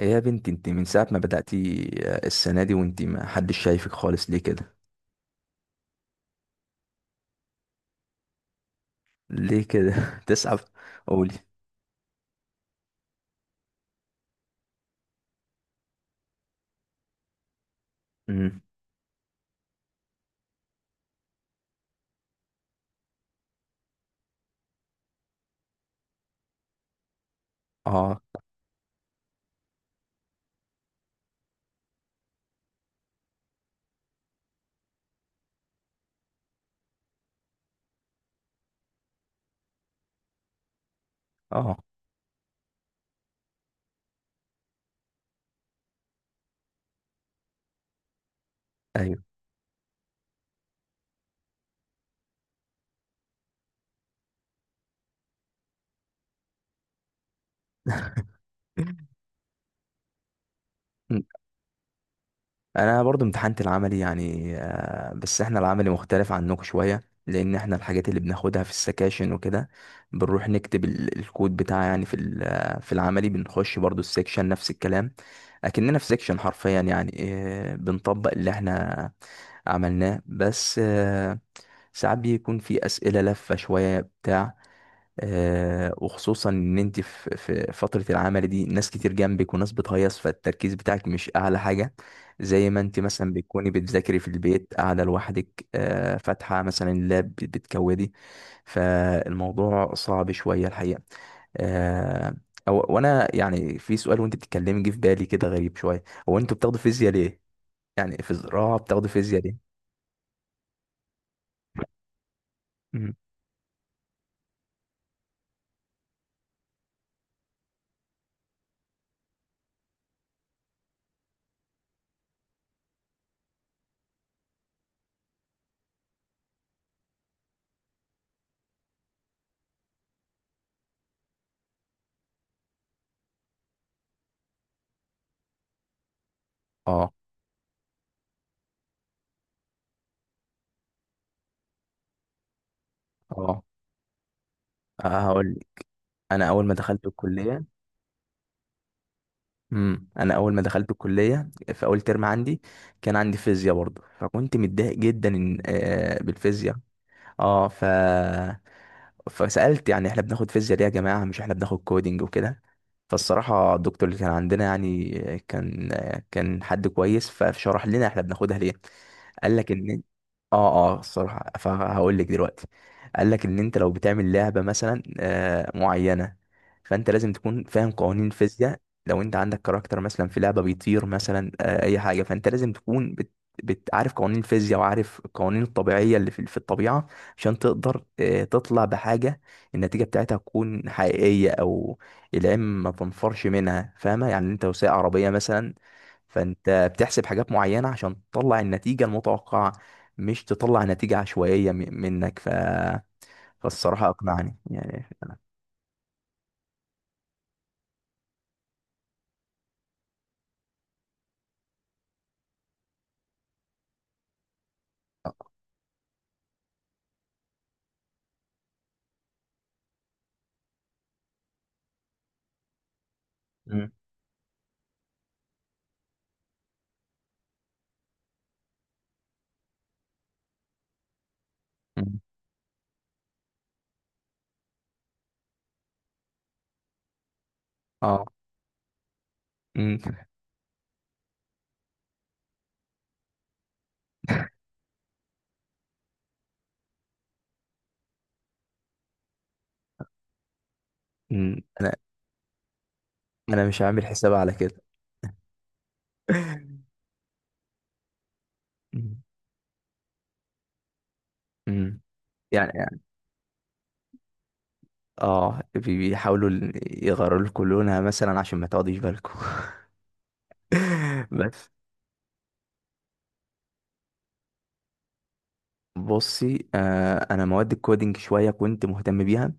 إيه يا بنتي انت من ساعة ما بدأتي السنة دي وانت ما حدش شايفك خالص ليه كده؟ ليه كده؟ تسعف؟ قولي. امم. اه. اه. ايوه. مم. انا برضو امتحنت العملي يعني بس احنا العملي مختلف عنكم شوية، لان احنا الحاجات اللي بناخدها في السكاشن وكده بنروح نكتب الكود بتاع، يعني في ال- آه، في العملي بنخش برضو السكشن نفس الكلام، اكننا في سكشن حرفيا، يعني بنطبق اللي احنا عملناه بس. ساعات بيكون في أسئلة لفة شوية بتاع. وخصوصا إن أنت في فترة العمل دي ناس كتير جنبك وناس بتهيص، فالتركيز بتاعك مش أعلى حاجة، زي ما أنت مثلا بتكوني بتذاكري في البيت قاعدة لوحدك، فاتحة مثلا اللاب بتكودي. فالموضوع صعب شوية الحقيقة. آه أو وأنا يعني في سؤال وأنت بتتكلمي جه في بالي كده غريب شوية. هو أنتوا بتاخدوا فيزياء ليه؟ يعني في زراعة بتاخدوا فيزياء ليه؟ مم. اه. اه. هقول. انا اول ما دخلت الكليه. امم. انا اول ما دخلت الكليه في اول ترم عندي كان عندي فيزياء برضه، فكنت متضايق جدا بالفيزياء. اه ف فسألت يعني احنا بناخد فيزياء ليه يا جماعة؟ مش احنا بناخد كودينج وكده. فالصراحة الدكتور اللي كان عندنا يعني كان كان حد كويس، فشرح لنا احنا بناخدها ليه. قال لك ان اه اه، الصراحة فهقول لك دلوقتي. قال لك ان انت لو بتعمل لعبة مثلا معينة، فانت لازم تكون فاهم قوانين فيزياء. لو انت عندك كاركتر مثلا في لعبة بيطير مثلا اي حاجة، فانت لازم تكون بتعرف قوانين الفيزياء وعارف القوانين الطبيعية اللي في الطبيعة، عشان تقدر تطلع بحاجة النتيجة بتاعتها تكون حقيقية، أو العلم ما تنفرش منها. فاهمة؟ يعني أنت لو سايق عربية مثلا، فأنت بتحسب حاجات معينة عشان تطلع النتيجة المتوقعة، مش تطلع نتيجة عشوائية منك. فالصراحة أقنعني يعني. مم. مم. اه. مم. مم. أنا مش هعمل حساب على كده. مم. مم. يعني بيحاولوا يغيروا لكم لونها مثلا عشان ما تقعديش بالكم. بس بصي، انا مواد الكودينج شويه كنت مهتم بيها،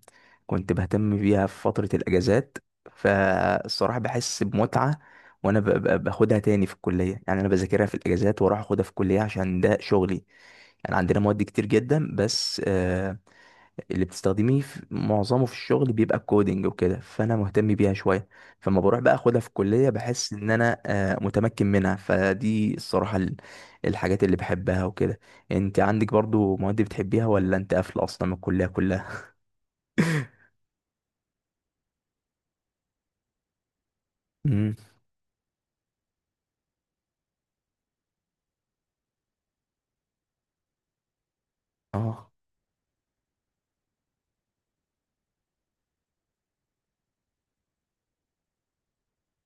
كنت بهتم بيها في فتره الاجازات. فالصراحه بحس بمتعه. وانا باخدها تاني في الكليه، يعني انا بذاكرها في الاجازات واروح اخدها في الكليه عشان ده شغلي. يعني عندنا مواد كتير جدا بس اللي بتستخدميه في معظمه في الشغل بيبقى الكودينج وكده، فانا مهتم بيها شويه. فلما بروح بقى اخدها في الكليه بحس ان انا متمكن منها، فدي الصراحه الحاجات اللي بحبها وكده. انت عندك برضو مواد بتحبيها، ولا انت قافله اصلا من الكليه كلها؟ امم. اه.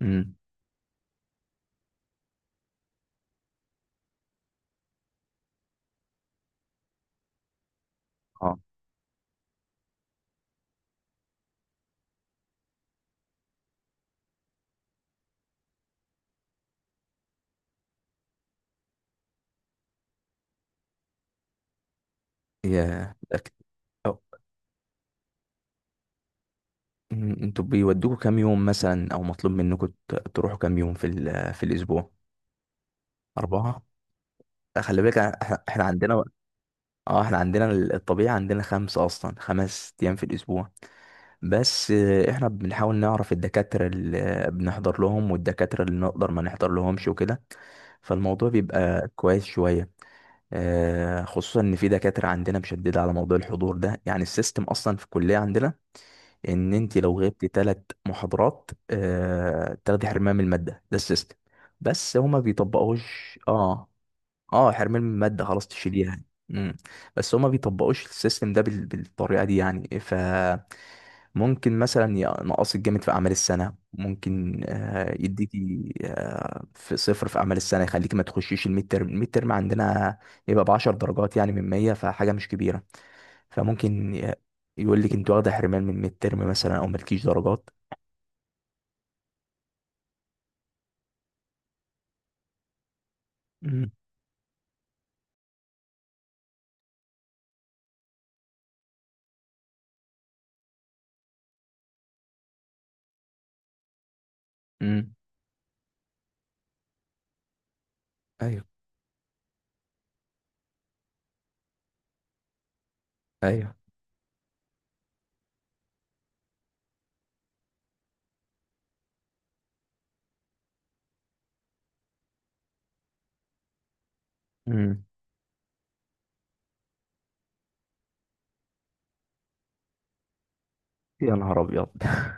امم. اه. يا متأكد. أو- أمم، انتوا بيودوكوا كام يوم مثلا، او مطلوب منكم تروحوا كام يوم في الاسبوع؟ اربعه؟ خلي بالك احنا. إحنا عندنا اه احنا عندنا الطبيعي عندنا خمسة، اصلا خمس ايام في الاسبوع، بس احنا بنحاول نعرف الدكاترة اللي بنحضر لهم والدكاترة اللي نقدر ما نحضر لهمش وكده، فالموضوع بيبقى كويس شوية. خصوصا ان في دكاترة عندنا مشددة على موضوع الحضور ده، يعني السيستم اصلا في الكلية عندنا ان انت لو غبت ثلاث محاضرات تاخدي حرمان من المادة. ده السيستم، بس هما بيطبقوش. اه. اه، حرمان من المادة خلاص، تشيليه يعني. امم. بس هما بيطبقوش السيستم ده بالطريقة دي، يعني فممكن مثلا ينقصك جامد في أعمال السنة، ممكن يديكي في صفر في أعمال السنة، يخليكي ما تخشيش الميد ترم. الميد ترم عندنا يبقى بعشر درجات يعني من مية، فحاجة مش كبيرة. فممكن ي- يقول لك انت واخدة حرمان من الميد ترم مثلا أو مالكيش درجات. امم. امم. ايوه. ايوه. امم. يا نهار أبيض!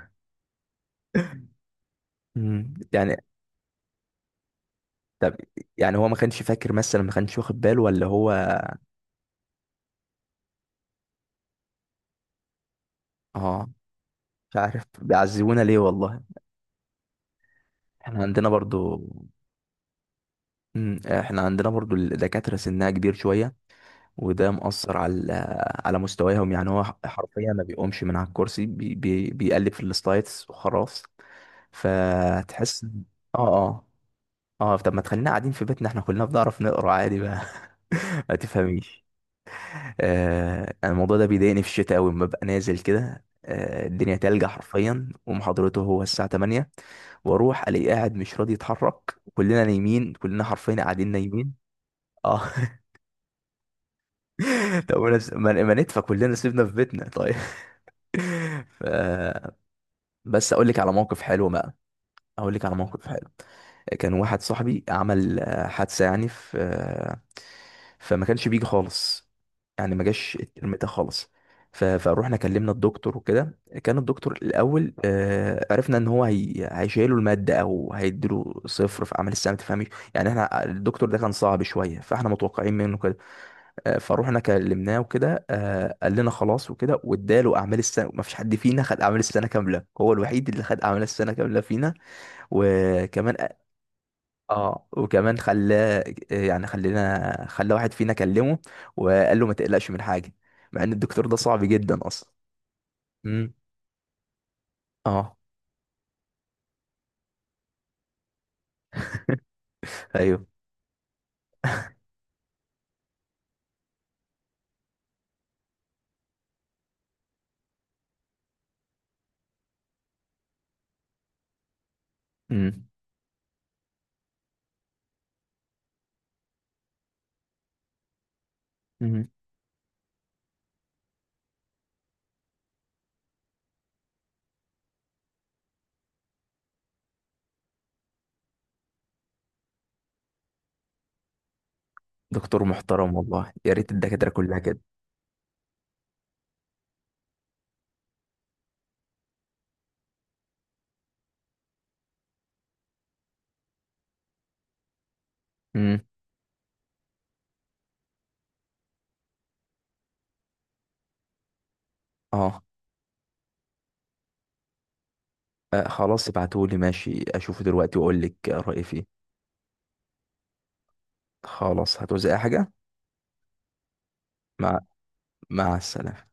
مم. يعني طب يعني هو ما كانش فاكر مثلا، ما كانش واخد باله، ولا هو؟ اه، مش عارف بيعذبونا ليه والله. احنا عندنا برضو. مم، احنا عندنا برضو الدكاترة سنها كبير شوية، وده مؤثر على على مستواهم، يعني هو حرفيا ما بيقومش من على الكرسي، بي بي بيقلب في السلايدز وخلاص. فتحس اه اه. اه، طب ما تخلينا قاعدين في بيتنا، احنا كلنا بنعرف نقرا عادي بقى. ما تفهميش. آه، أنا الموضوع ده بيضايقني في الشتاء أوي، لما ببقى نازل كده، الدنيا تلج حرفيا، ومحاضرته هو الساعة 8، واروح الاقيه قاعد مش راضي يتحرك، كلنا نايمين، كلنا حرفيا قاعدين نايمين. اه. طب ما نفس- ما- ما ندفى كلنا سيبنا في بيتنا طيب. ف... بس اقول لك على موقف حلو بقى. هقول لك على موقف حلو. كان واحد صاحبي عمل حادثة يعني في فما كانش بيجي خالص، يعني ما جاش الترم ده خالص. فروحنا كلمنا الدكتور وكده. كان الدكتور الأول عرفنا إن هو هيشيله المادة أو هيديله صفر في عمل السنة. ما تفهميش، يعني احنا الدكتور ده كان صعب شوية، فاحنا متوقعين منه كده. فروحنا كلمناه وكده. قال لنا خلاص وكده، واداله أعمال السنة، ما فيش حد فينا خد أعمال السنة كاملة، هو الوحيد اللي خد أعمال السنة كاملة فينا. وكمان اه، وكمان خلاه، يعني خلى واحد فينا كلمه، وقال له ما تقلقش من حاجه، مع ان الدكتور ده صعب جدا اصلا. امم. اه. ايوه. امم. امم. دكتور محترم والله، يا ريت الدكاتره كلها كده. امم. اه. آه، خلاص ابعتهولي ماشي، اشوفه دلوقتي واقول لك رايي فيه. خلاص هتوزع حاجه؟ مع مع السلامه.